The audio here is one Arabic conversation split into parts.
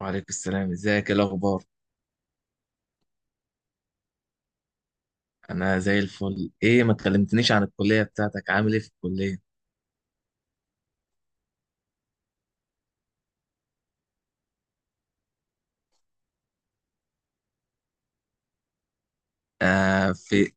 وعليكم السلام، ازيك، ايه الاخبار؟ انا زي الفل. ايه، ما كلمتنيش عن الكليه بتاعتك. عامل ايه في الكليه؟ آه، في.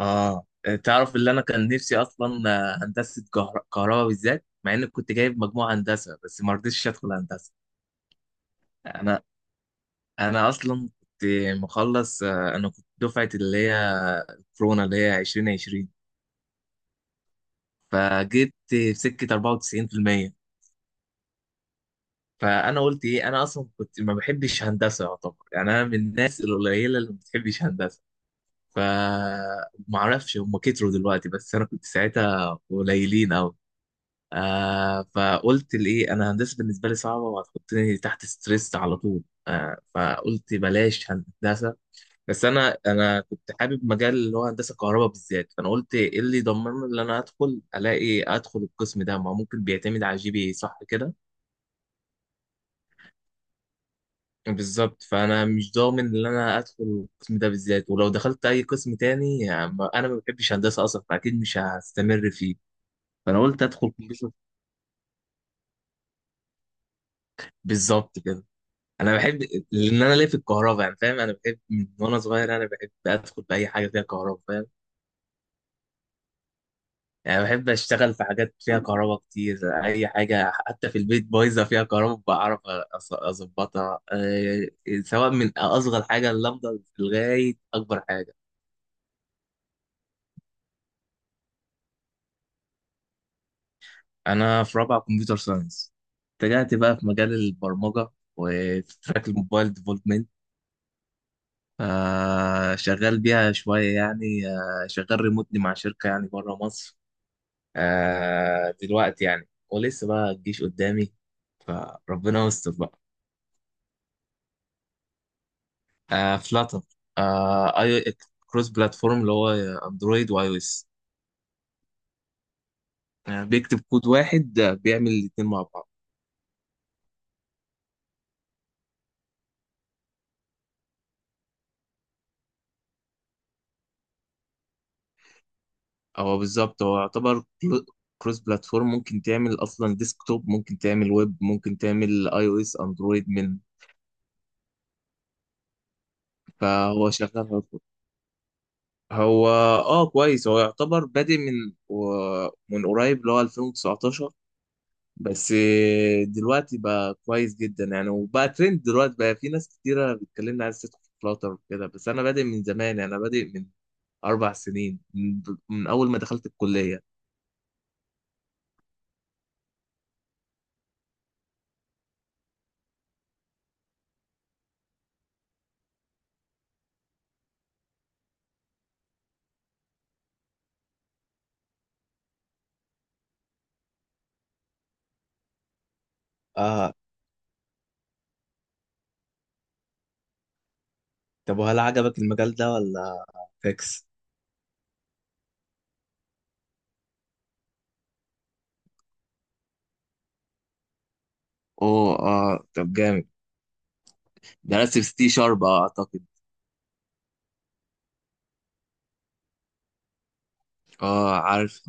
اه، تعرف اللي انا كان نفسي اصلا هندسه كهرباء بالذات، مع اني كنت جايب مجموع هندسه بس ما رضيتش ادخل هندسه. انا انا اصلا كنت مخلص، انا كنت دفعه اللي هي كورونا اللي هي 2020، فجبت في سكه 94%. فانا قلت ايه، انا اصلا كنت ما بحبش هندسه، يعتبر، يعني انا من الناس القليله اللي ما بتحبش هندسه. فمعرفش، هم كتروا دلوقتي بس انا كنت ساعتها قليلين قوي. فقلت لإيه، أنا هندسة بالنسبة لي صعبة وهتحطني تحت ستريس على طول. فقلت بلاش هندسة. بس أنا كنت حابب مجال اللي هو هندسة كهرباء بالذات. فأنا قلت إيه اللي يضمن لي إن أنا أدخل ألاقي أدخل القسم ده؟ ما هو ممكن بيعتمد على جي بي إيه، صح كده؟ بالظبط. فانا مش ضامن ان انا ادخل القسم ده بالذات، ولو دخلت اي قسم تاني يعني انا ما بحبش هندسه اصلا، فاكيد مش هستمر فيه. فانا قلت ادخل كمبيوتر. بالظبط كده. انا بحب، لان انا ليا في الكهرباء، يعني فاهم؟ انا بحب من وانا صغير، انا بحب ادخل في اي حاجه فيها كهرباء، فاهم؟ يعني بحب اشتغل في حاجات فيها كهرباء كتير. اي حاجه حتى في البيت بايظه فيها كهرباء بعرف اظبطها، سواء من اصغر حاجه اللمبه لغايه اكبر حاجه. انا في رابعه كمبيوتر ساينس. اتجهت بقى في مجال البرمجه وفي تراك الموبايل ديفلوبمنت. شغال بيها شويه يعني. شغال ريموتلي مع شركه يعني بره مصر دلوقتي يعني، ولسه بقى الجيش قدامي، فربنا يستر بقى. فلاتر. اي كروس بلاتفورم، اللي هو اندرويد واي او اس. بيكتب كود واحد، بيعمل الاتنين مع بعض. هو بالظبط، هو يعتبر كروس بلاتفورم. ممكن تعمل اصلا ديسكتوب، ممكن تعمل ويب، ممكن تعمل اي او اس اندرويد من. فهو شغال. هو كويس. هو يعتبر بادئ من من قريب اللي هو 2019. بس دلوقتي بقى كويس جدا يعني، وبقى ترند دلوقتي، بقى في ناس كتيرة بتكلمني عايز تدخل فلاتر وكده. بس انا بادئ من زمان يعني، انا بادئ من 4 سنين، من اول ما دخلت الكلية. اه. طب وهل عجبك المجال ده ولا؟ فيكس. اوه، اه طب جامد. درست في سي شارب، اعتقد. اه عارف.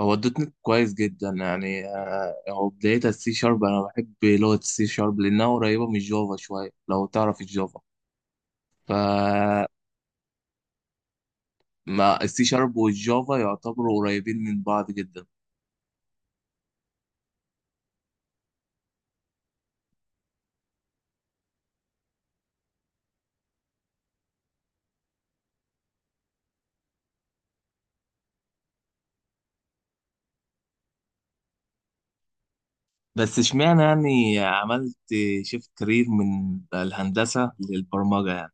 هو الدوت نت كويس جدا يعني. آه، هو بدايتها السي شارب. انا بحب لغة السي شارب لانها قريبة من الجافا شوية، لو تعرف الجافا. ف ما السي شارب والجافا يعتبروا قريبين من بعض جدا. بس اشمعنى يعني عملت شيفت كارير من الهندسة للبرمجة يعني؟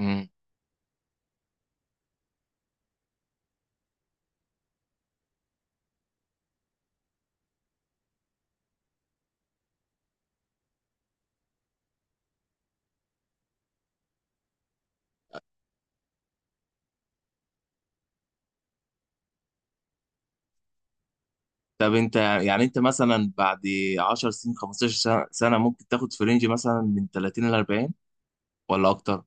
مم. طب انت يعني انت مثلا بعد 10 سنين، 15 سنة، ممكن تاخد في رينج مثلا من 30 ل 40، ولا اكتر؟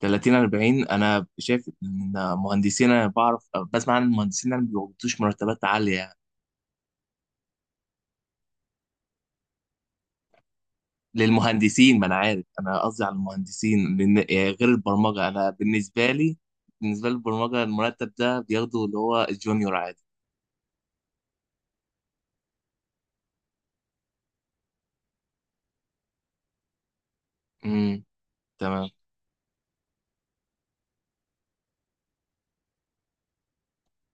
30 40، انا شايف ان مهندسين انا بعرف، بسمع عن المهندسين، انا ما بيقبضوش مرتبات عاليه يعني. للمهندسين. ما انا عارف، انا قصدي على المهندسين، لان يعني غير البرمجه انا بالنسبه لي، بالنسبه للبرمجه المرتب ده بياخده اللي هو الجونيور عادي. امم تمام.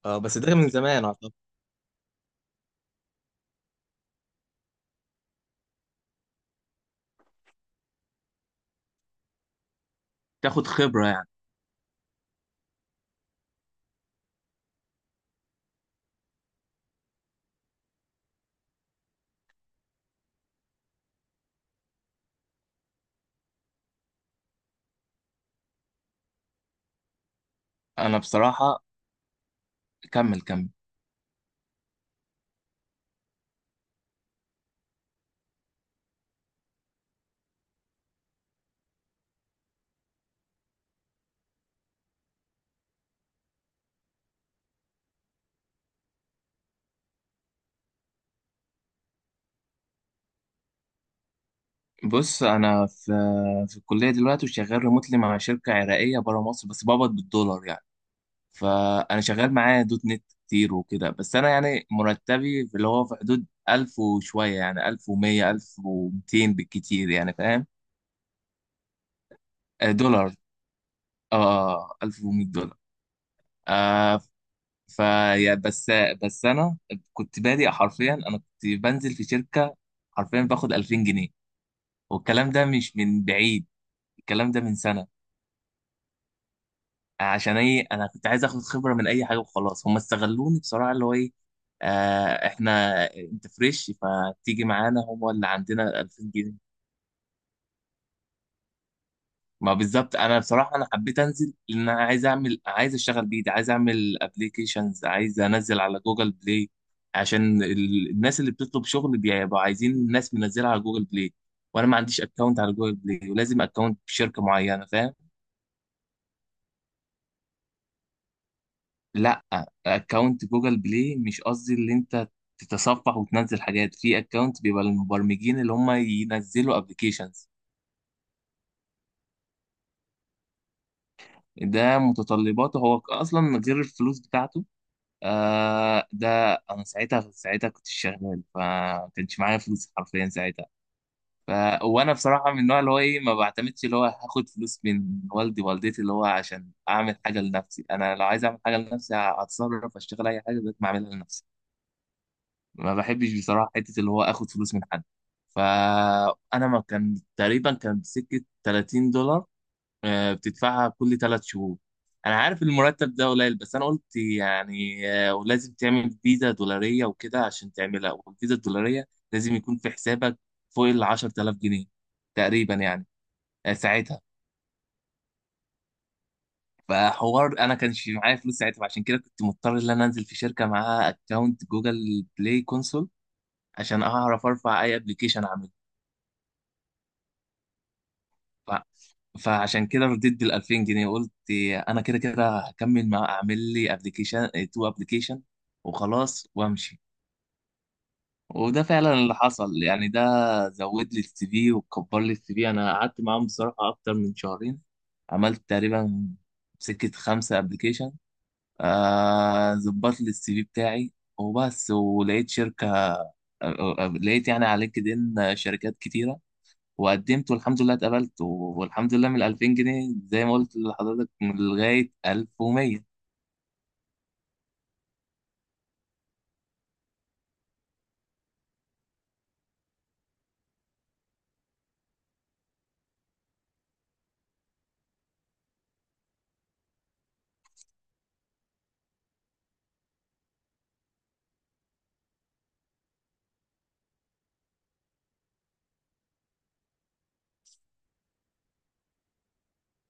اه بس ده من زمان اعتقد. تاخد خبره يعني. انا بصراحه، كمل كمل. بص، انا في في الكليه دلوقتي وشغال ريموتلي مع شركه عراقيه بره مصر، بس بقبض بالدولار يعني. فانا شغال معاه دوت نت كتير وكده، بس انا يعني مرتبي في اللي هو في حدود 1000 وشويه، يعني 1100 1200 بالكتير يعني، فاهم؟ دولار. اه، $1100. آه ف يا- بس بس انا كنت بادئ حرفيا. انا كنت بنزل في شركه حرفيا باخد 2000 جنيه، والكلام ده مش من بعيد، الكلام ده من سنه. عشان ايه؟ انا كنت عايز اخد خبره من اي حاجه وخلاص. هم استغلوني بصراحه، اللي هو ايه، احنا انت فريش فتيجي معانا، هم اللي عندنا 2000 جنيه. ما بالظبط. انا بصراحه انا حبيت انزل، لان انا عايز اعمل، عايز اشتغل بايدي، عايز اعمل ابلكيشنز، عايز انزل على جوجل بلاي، عشان الناس اللي بتطلب شغل بيبقوا عايزين الناس منزلها على جوجل بلاي، وانا ما عنديش اكونت على جوجل بلاي، ولازم اكونت بشركه معينه، فاهم؟ لا، اكونت جوجل بلاي مش قصدي اللي انت تتصفح وتنزل حاجات، في اكونت بيبقى للمبرمجين اللي هم ينزلوا ابلكيشنز. ده متطلباته هو اصلا من غير الفلوس بتاعته. ده، انا ساعتها كنت شغال فما كانش معايا فلوس حرفيا ساعتها. ف وانا بصراحه من النوع اللي هو ايه، ما بعتمدش اللي هو هاخد فلوس من والدي والدتي اللي هو عشان اعمل حاجه لنفسي. انا لو عايز اعمل حاجه لنفسي هتصرف، اشتغل اي حاجه بقيت ما اعملها لنفسي. ما بحبش بصراحة حتة اللي هو اخد فلوس من حد. فانا ما كان تقريبا كان سكة $30، بتدفعها كل 3 شهور. انا عارف المرتب ده قليل بس انا قلت يعني، ولازم تعمل فيزا دولارية وكده عشان تعملها، والفيزا الدولارية لازم يكون في حسابك فوق ال 10,000 جنيه تقريبا يعني، ساعتها. فحوار انا كانش معايا فلوس ساعتها، عشان كده كنت مضطر ان انا انزل في شركة معاها اكونت جوجل بلاي كونسول عشان اعرف ارفع اي ابلكيشن. ف... فعشان كده رديت بال 2000 جنيه. قلت انا كده كده هكمل، مع اعمل لي ابلكيشن تو ابلكيشن وخلاص وامشي. وده فعلا اللي حصل يعني. ده زود لي السي في وكبر لي السي في. انا قعدت معاهم بصراحه اكتر من شهرين. عملت تقريبا سكه 5 ابلكيشن، ظبط لي السي في بتاعي وبس. ولقيت شركه، لقيت يعني على لينكد ان شركات كتيره، وقدمت والحمد لله اتقبلت. والحمد لله من 2000 جنيه زي ما قلت لحضرتك، من لغاية 1100.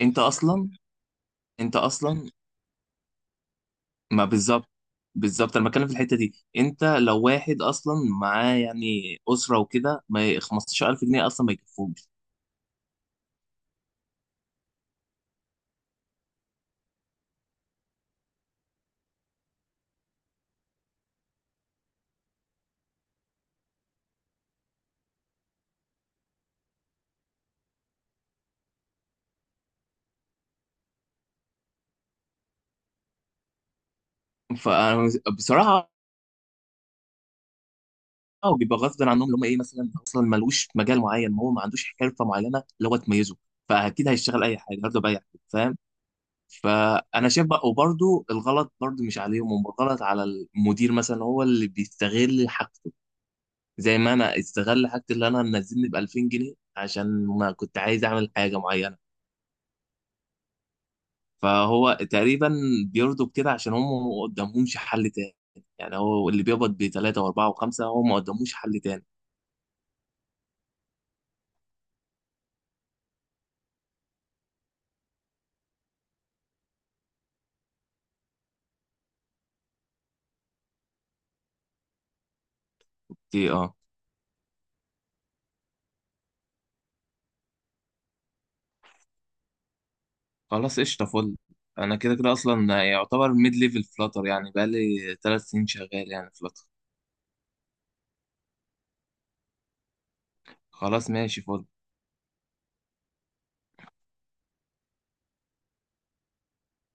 انت اصلا انت اصلا. ما بالظبط انا بتكلم في الحتة دي، انت لو واحد اصلا معاه يعني اسرة وكده ما ي- 15,000 جنيه اصلا ما يكفوش. فبصراحة اه، بيبقى غصب عنهم اللي هم ايه، مثلا اصلا ملوش مجال معين، هو ما عندوش حرفة معينة اللي هو تميزه، فاكيد هيشتغل اي حاجة برضه باي حاجة، فاهم؟ فانا شايف بقى، وبرده الغلط برده مش عليهم، هم الغلط على المدير مثلا، هو اللي بيستغل حاجته، زي ما انا استغل حاجتي اللي انا منزلني ب 2000 جنيه عشان ما كنت عايز اعمل حاجه معينه. فهو تقريبا بيرضوا بكده عشان هم ما قدامهمش حل تاني. يعني هو اللي بيقبض بثلاثه واربعه وخمسه هو ما قدامهوش حل تاني. في إيه؟ اه. خلاص قشطه. فل، انا كده كده اصلا يعتبر ميد ليفل فلاتر يعني، بقالي 3 سنين شغال يعني فلاتر. خلاص ماشي. فل.